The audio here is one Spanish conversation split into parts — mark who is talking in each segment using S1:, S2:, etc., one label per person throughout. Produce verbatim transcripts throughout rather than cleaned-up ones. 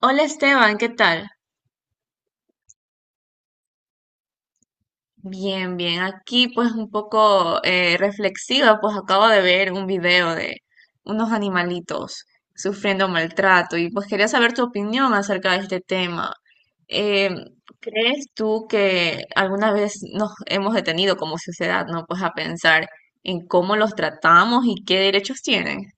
S1: Hola Esteban, ¿qué tal? Bien, bien. Aquí pues un poco eh, reflexiva, pues acabo de ver un video de unos animalitos sufriendo maltrato y pues quería saber tu opinión acerca de este tema. Em, ¿Crees tú que alguna vez nos hemos detenido como sociedad, ¿no? Pues a pensar en cómo los tratamos y qué derechos tienen?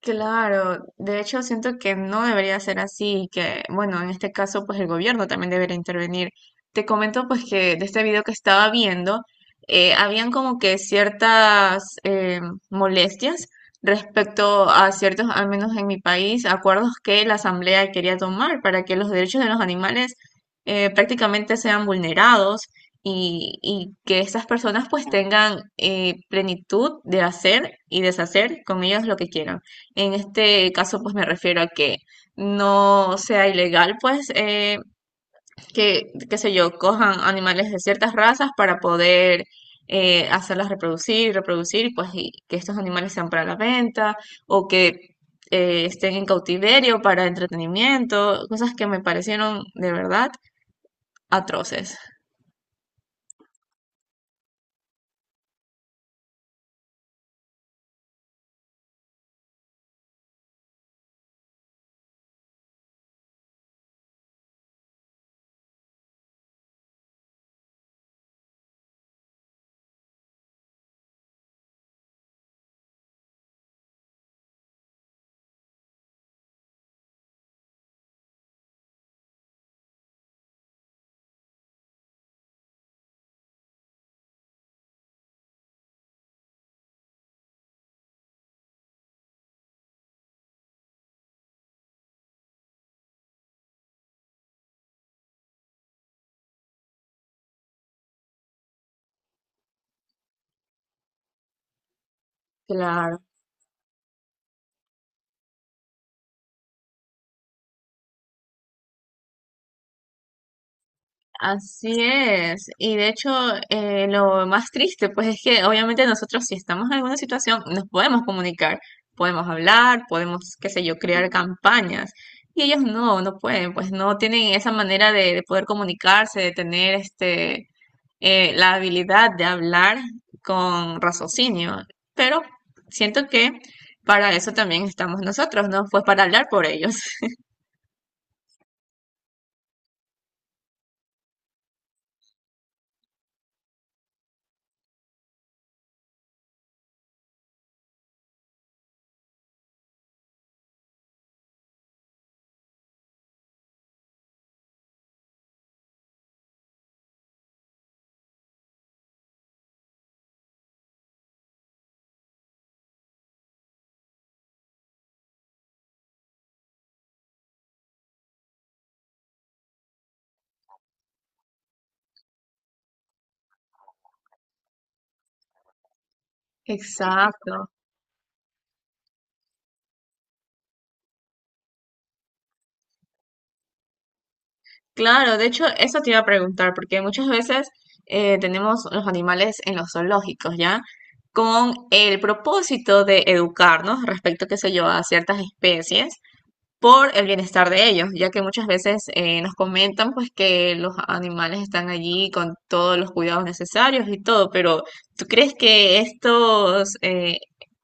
S1: Claro, de hecho siento que no debería ser así y que, bueno, en este caso pues el gobierno también debería intervenir. Te comento pues que de este video que estaba viendo, eh, habían como que ciertas eh, molestias respecto a ciertos, al menos en mi país, acuerdos que la Asamblea quería tomar para que los derechos de los animales eh, prácticamente sean vulnerados y, y que estas personas pues tengan eh, plenitud de hacer y deshacer con ellos lo que quieran. En este caso, pues me refiero a que no sea ilegal, pues, eh, que, qué sé yo, cojan animales de ciertas razas para poder eh, hacerlas reproducir, reproducir, pues, y que estos animales sean para la venta o que eh, estén en cautiverio para entretenimiento, cosas que me parecieron de verdad atroces. Claro. Así es, y de hecho eh, lo más triste pues es que obviamente nosotros si estamos en alguna situación nos podemos comunicar, podemos hablar, podemos, qué sé yo, crear campañas y ellos no, no pueden, pues no tienen esa manera de, de poder comunicarse, de tener este eh, la habilidad de hablar con raciocinio, pero siento que para eso también estamos nosotros, ¿no? Pues para hablar por ellos. Exacto. Claro, de hecho, eso te iba a preguntar, porque muchas veces eh, tenemos los animales en los zoológicos, ¿ya? Con el propósito de educarnos respecto, qué sé yo, a ciertas especies, por el bienestar de ellos, ya que muchas veces eh, nos comentan pues que los animales están allí con todos los cuidados necesarios y todo, pero ¿tú crees que estos, eh,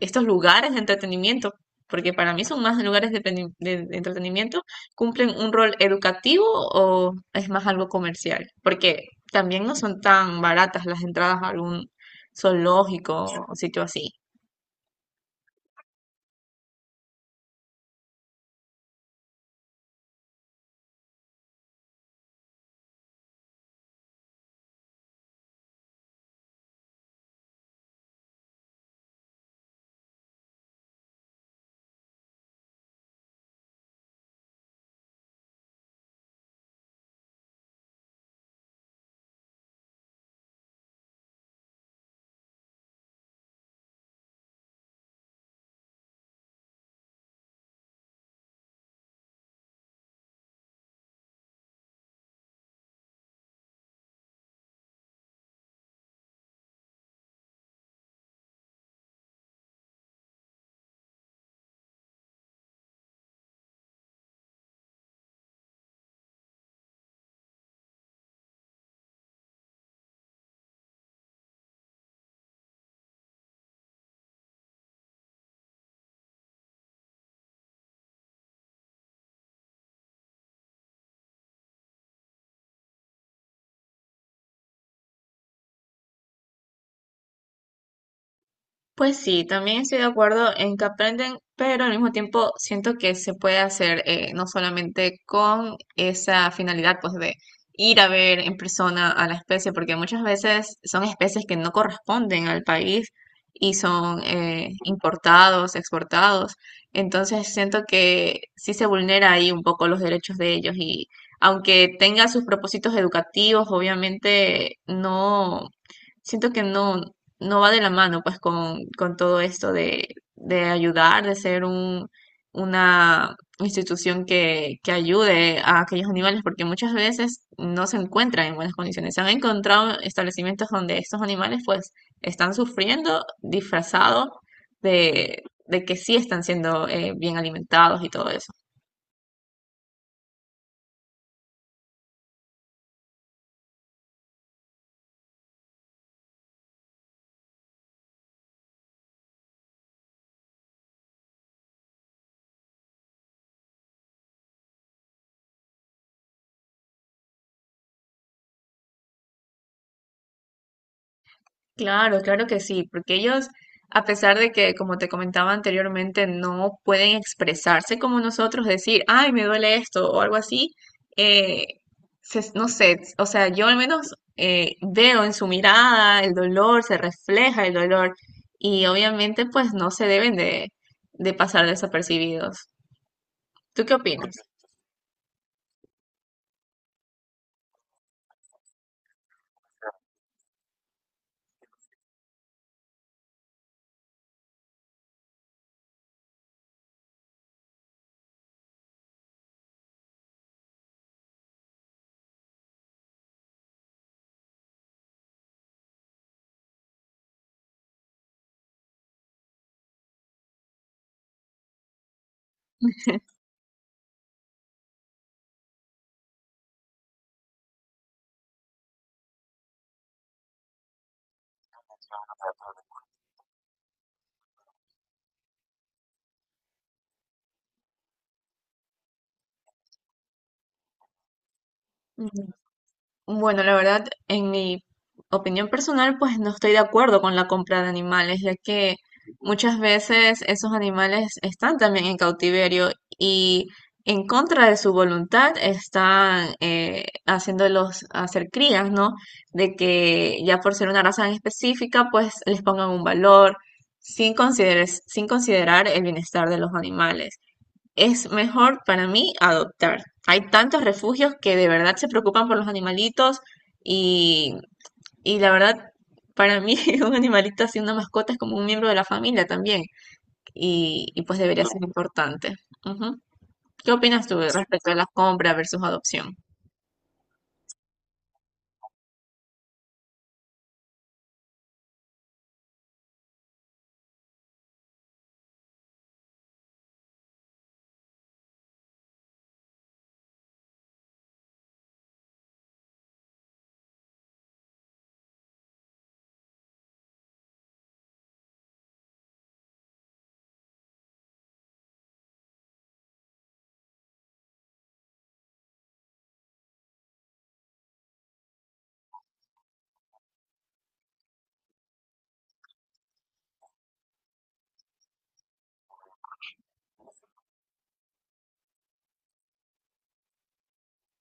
S1: estos lugares de entretenimiento, porque para mí son más lugares de, peni- de- de entretenimiento, cumplen un rol educativo o es más algo comercial? Porque también no son tan baratas las entradas a algún zoológico o sitio así. Pues sí, también estoy de acuerdo en que aprenden, pero al mismo tiempo siento que se puede hacer eh, no solamente con esa finalidad pues de ir a ver en persona a la especie, porque muchas veces son especies que no corresponden al país y son eh, importados, exportados. Entonces siento que sí se vulnera ahí un poco los derechos de ellos y aunque tenga sus propósitos educativos, obviamente no siento que no, no va de la mano pues con, con todo esto de, de ayudar, de ser un, una institución que, que ayude a aquellos animales, porque muchas veces no se encuentran en buenas condiciones. Se han encontrado establecimientos donde estos animales pues están sufriendo disfrazados de, de que sí están siendo eh, bien alimentados y todo eso. Claro, claro que sí, porque ellos, a pesar de que, como te comentaba anteriormente, no pueden expresarse como nosotros, decir, ay, me duele esto o algo así, eh, se- no sé, o sea, yo al menos eh, veo en su mirada el dolor, se refleja el dolor y obviamente pues no se deben de, de pasar desapercibidos. ¿Tú qué opinas? Bueno, la verdad, en mi opinión personal, pues no estoy de acuerdo con la compra de animales, ya que muchas veces esos animales están también en cautiverio y en contra de su voluntad están eh, haciéndolos hacer crías, ¿no? De que ya por ser una raza en específica, pues les pongan un valor sin consideres- sin considerar el bienestar de los animales. Es mejor para mí adoptar. Hay tantos refugios que de verdad se preocupan por los animalitos y, y la verdad, para mí un animalito así, una mascota es como un miembro de la familia también y, y pues debería ser importante. Ujú. ¿Qué opinas tú respecto a la compra versus adopción?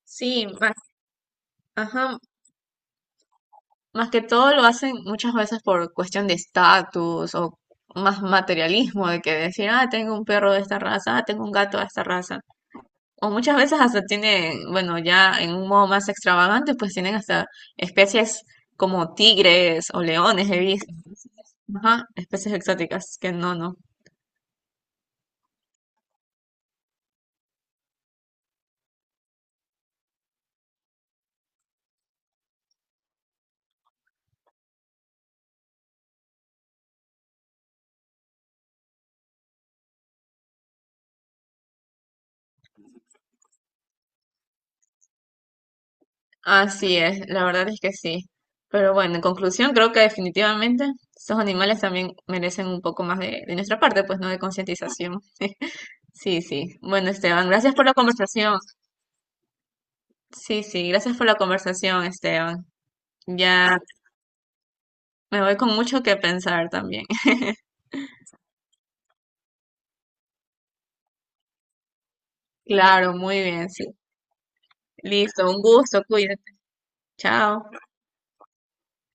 S1: Sí, más, ajá, más que todo lo hacen muchas veces por cuestión de estatus o más materialismo de que decir, ah, tengo un perro de esta raza, ah, tengo un gato de esta raza. O muchas veces hasta tienen, bueno, ya en un modo más extravagante, pues tienen hasta especies como tigres o leones, he visto. Ajá, especies exóticas, que no, no. Así es, la verdad es que sí. Pero bueno, en conclusión, creo que definitivamente estos animales también merecen un poco más de, de nuestra parte, pues no de concientización. Sí, sí. Bueno, Esteban, gracias por la conversación. Sí, sí, gracias por la conversación, Esteban. Ya me voy con mucho que pensar también. Claro, muy bien, sí. Listo, un gusto, cuídate. Chao.